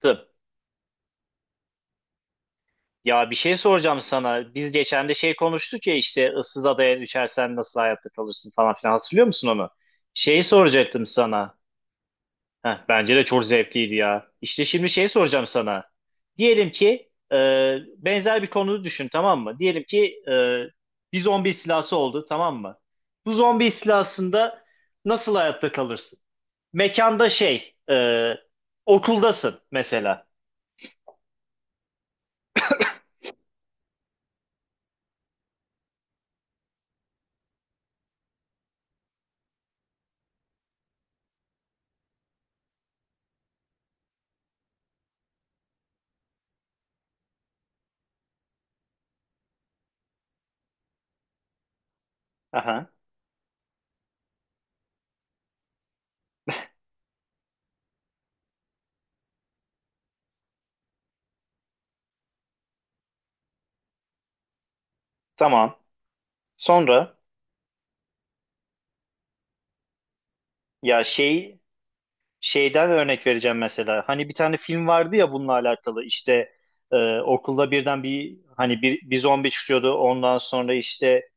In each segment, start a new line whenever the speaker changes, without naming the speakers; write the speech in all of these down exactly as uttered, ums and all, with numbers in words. Tıp. Ya bir şey soracağım sana. Biz geçen de şey konuştuk ya işte ıssız adaya düşersen nasıl hayatta kalırsın falan filan, hatırlıyor musun onu? Şeyi soracaktım sana. Heh, bence de çok zevkliydi ya. İşte şimdi şey soracağım sana. Diyelim ki e, benzer bir konuyu düşün, tamam mı? Diyelim ki e, bir zombi istilası oldu, tamam mı? Bu zombi istilasında nasıl hayatta kalırsın? Mekanda şey e, okuldasın mesela. Aha, tamam. Sonra ya şey. Şeyden örnek vereceğim mesela. Hani bir tane film vardı ya bununla alakalı. İşte e, okulda birden bir, hani bir, bir zombi çıkıyordu. Ondan sonra işte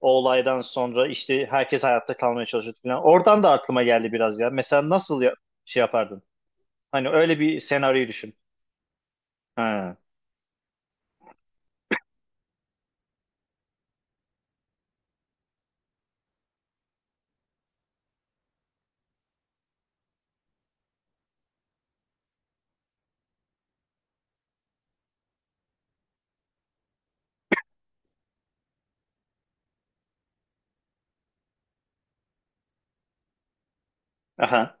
o olaydan sonra işte herkes hayatta kalmaya çalışıyordu falan. Oradan da aklıma geldi biraz ya. Mesela nasıl ya- şey yapardın? Hani öyle bir senaryoyu düşün. Ha. Aha.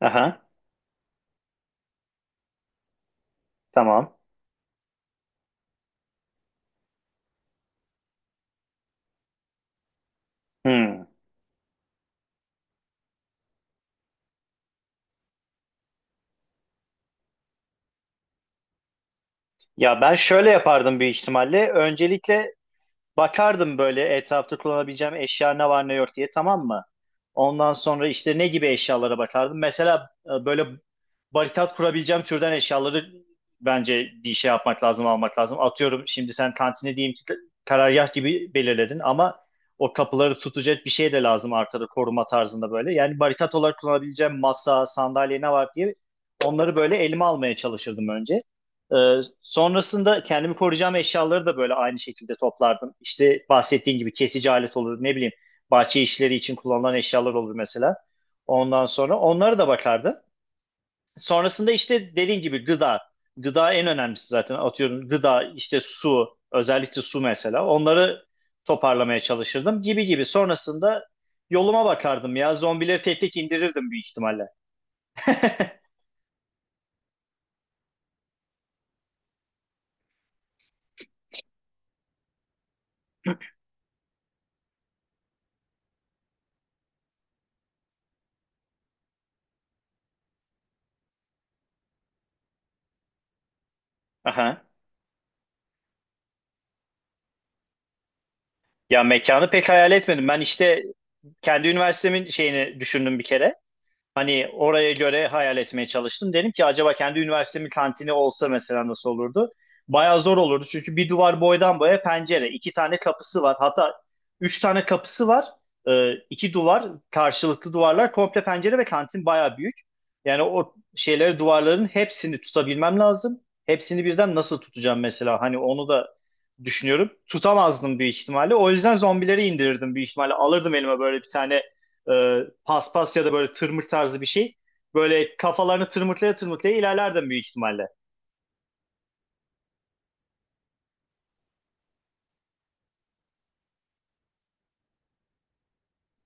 Aha. Tamam. Hmm. Ya ben şöyle yapardım büyük ihtimalle. Öncelikle bakardım böyle etrafta kullanabileceğim eşya ne var ne yok diye, tamam mı? Ondan sonra işte ne gibi eşyalara bakardım. Mesela e, böyle barikat kurabileceğim türden eşyaları, bence bir şey yapmak lazım, almak lazım. Atıyorum şimdi sen kantini diyeyim ki karargah gibi belirledin ama o kapıları tutacak bir şey de lazım arkada, koruma tarzında böyle. Yani barikat olarak kullanabileceğim masa, sandalye ne var diye onları böyle elime almaya çalışırdım önce. Ee, sonrasında kendimi koruyacağım eşyaları da böyle aynı şekilde toplardım. İşte bahsettiğin gibi kesici alet olur, ne bileyim bahçe işleri için kullanılan eşyalar olur mesela. Ondan sonra onlara da bakardım. Sonrasında işte dediğin gibi gıda. Gıda en önemlisi zaten, atıyorum gıda, işte su, özellikle su mesela, onları toparlamaya çalışırdım gibi gibi. Sonrasında yoluma bakardım ya, zombileri tek tek indirirdim büyük ihtimalle. Aha. Ya mekanı pek hayal etmedim. Ben işte kendi üniversitemin şeyini düşündüm bir kere. Hani oraya göre hayal etmeye çalıştım. Dedim ki acaba kendi üniversitemin kantini olsa mesela nasıl olurdu? Bayağı zor olurdu, çünkü bir duvar boydan boya pencere, iki tane kapısı var. Hatta üç tane kapısı var. Ee, iki duvar, karşılıklı duvarlar, komple pencere ve kantin bayağı büyük. Yani o şeyleri, duvarların hepsini tutabilmem lazım. Hepsini birden nasıl tutacağım mesela? Hani onu da düşünüyorum. Tutamazdım büyük ihtimalle. O yüzden zombileri indirirdim büyük ihtimalle. Alırdım elime böyle bir tane e, paspas ya da böyle tırmık tarzı bir şey. Böyle kafalarını tırmıklaya tırmıklaya ilerlerdim büyük ihtimalle.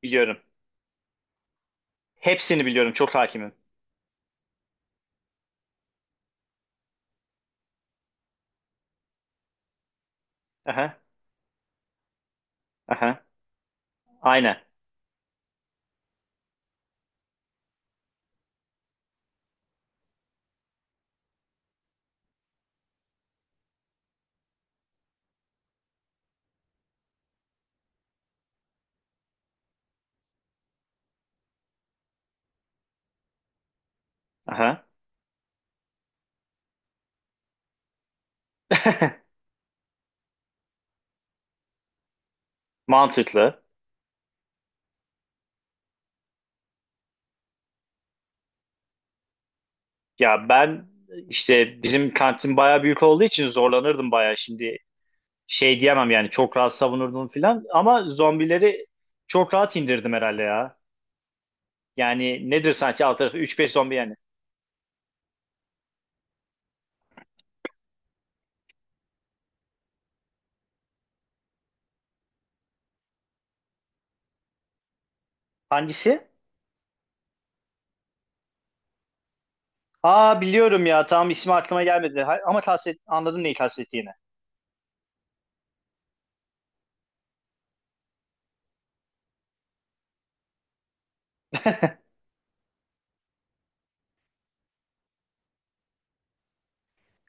Biliyorum. Hepsini biliyorum. Çok hakimim. Aha, aha, aynen. Aha. Mantıklı. Ya ben işte bizim kantin bayağı büyük olduğu için zorlanırdım bayağı şimdi. Şey diyemem yani, çok rahat savunurdum filan, ama zombileri çok rahat indirdim herhalde ya. Yani nedir sanki, alt tarafı üç beş zombi yani. Hangisi? Aa, biliyorum ya, tam ismi aklıma gelmedi. Ha- ama kastet, anladım neyi kastettiğini.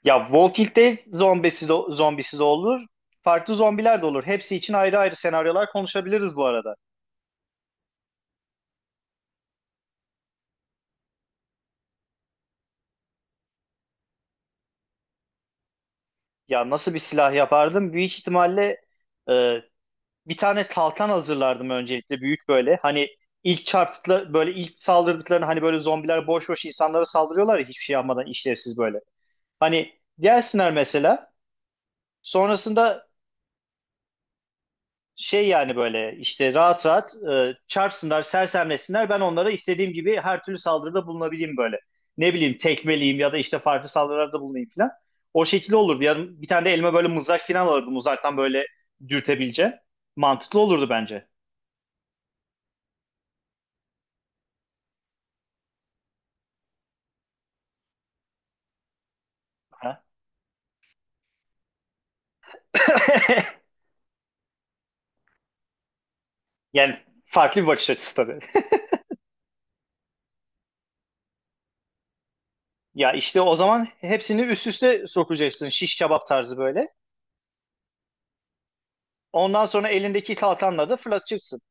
Ya Walking Dead zombisi de, zombisi de olur. Farklı zombiler de olur. Hepsi için ayrı ayrı senaryolar konuşabiliriz bu arada. Ya nasıl bir silah yapardım? Büyük ihtimalle e, bir tane kalkan hazırlardım öncelikle, büyük böyle. Hani ilk çarptıkları böyle, ilk saldırdıklarını, hani böyle zombiler boş boş insanlara saldırıyorlar ya, hiçbir şey yapmadan, işlevsiz böyle. Hani gelsinler mesela, sonrasında şey, yani böyle işte rahat rahat e, çarpsınlar, sersemlesinler. Ben onlara istediğim gibi her türlü saldırıda bulunabileyim böyle. Ne bileyim tekmeleyeyim ya da işte farklı saldırılarda bulunayım falan. O şekilde olurdu. Yani bir tane de elime böyle mızrak falan alırdım. Uzaktan böyle dürtebileceğim. Mantıklı olurdu bence. Ha? Yani farklı bir bakış açısı tabii. Ya işte o zaman hepsini üst üste sokacaksın. Şiş kebap tarzı böyle. Ondan sonra elindeki kalkanla da fırlatacaksın.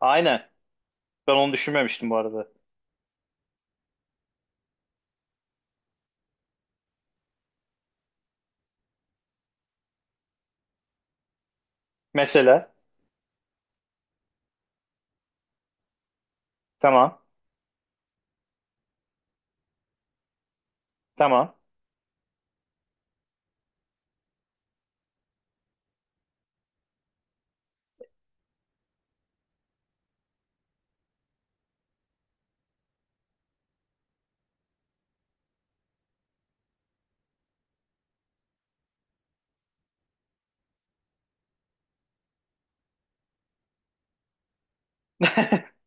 Aynen. Ben onu düşünmemiştim bu arada. Mesela. Tamam. Tamam.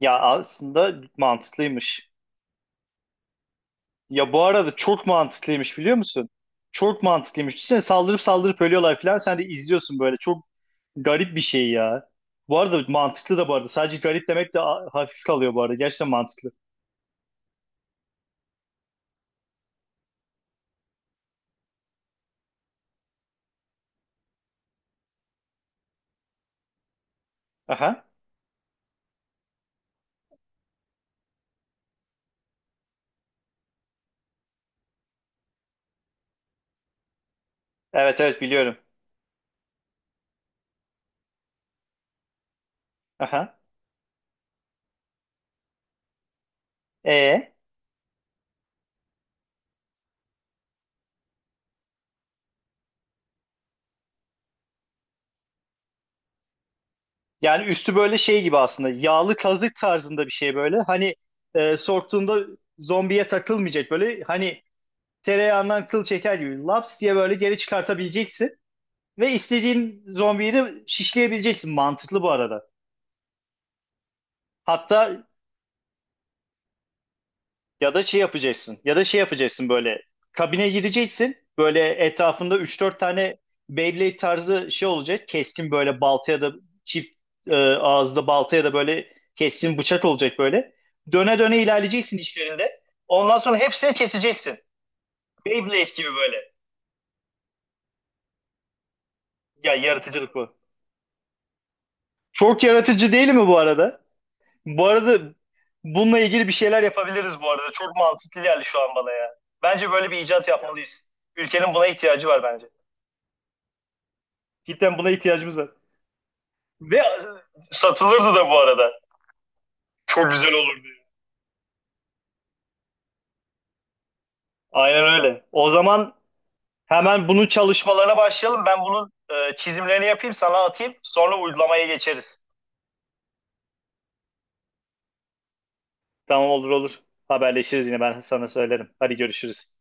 Ya aslında mantıklıymış. Ya bu arada çok mantıklıymış, biliyor musun? Çok mantıklıymış. Düşünsene saldırıp saldırıp ölüyorlar falan. Sen de izliyorsun böyle. Çok garip bir şey ya. Bu arada mantıklı da bu arada. Sadece garip demek de a- hafif kalıyor bu arada. Gerçekten mantıklı. Aha. Evet, evet, biliyorum. Aha. E yani üstü böyle şey gibi aslında. Yağlı kazık tarzında bir şey böyle. Hani e, soktuğunda zombiye takılmayacak böyle. Hani tereyağından kıl çeker gibi. Laps diye böyle geri çıkartabileceksin. Ve istediğin zombiyi de şişleyebileceksin. Mantıklı bu arada. Hatta, ya da şey yapacaksın. Ya da şey yapacaksın böyle. Kabine gireceksin. Böyle etrafında üç dört tane Beyblade tarzı şey olacak. Keskin böyle balta ya da çift e, ağızda balta ya da böyle keskin bıçak olacak böyle. Döne döne ilerleyeceksin işlerinde. Ondan sonra hepsini keseceksin. Beyblade gibi böyle. Ya, yaratıcılık bu. Çok yaratıcı değil mi bu arada? Bu arada bununla ilgili bir şeyler yapabiliriz bu arada. Çok mantıklı geldi şu an bana ya. Bence böyle bir icat yapmalıyız. Ülkenin buna ihtiyacı var bence. Cidden buna ihtiyacımız var. Ve satılırdı da bu arada. Çok güzel olurdu. Aynen öyle. O zaman hemen bunun çalışmalarına başlayalım. Ben bunun e, çizimlerini yapayım, sana atayım. Sonra uygulamaya geçeriz. Tamam, olur olur. Haberleşiriz, yine ben sana söylerim. Hadi görüşürüz.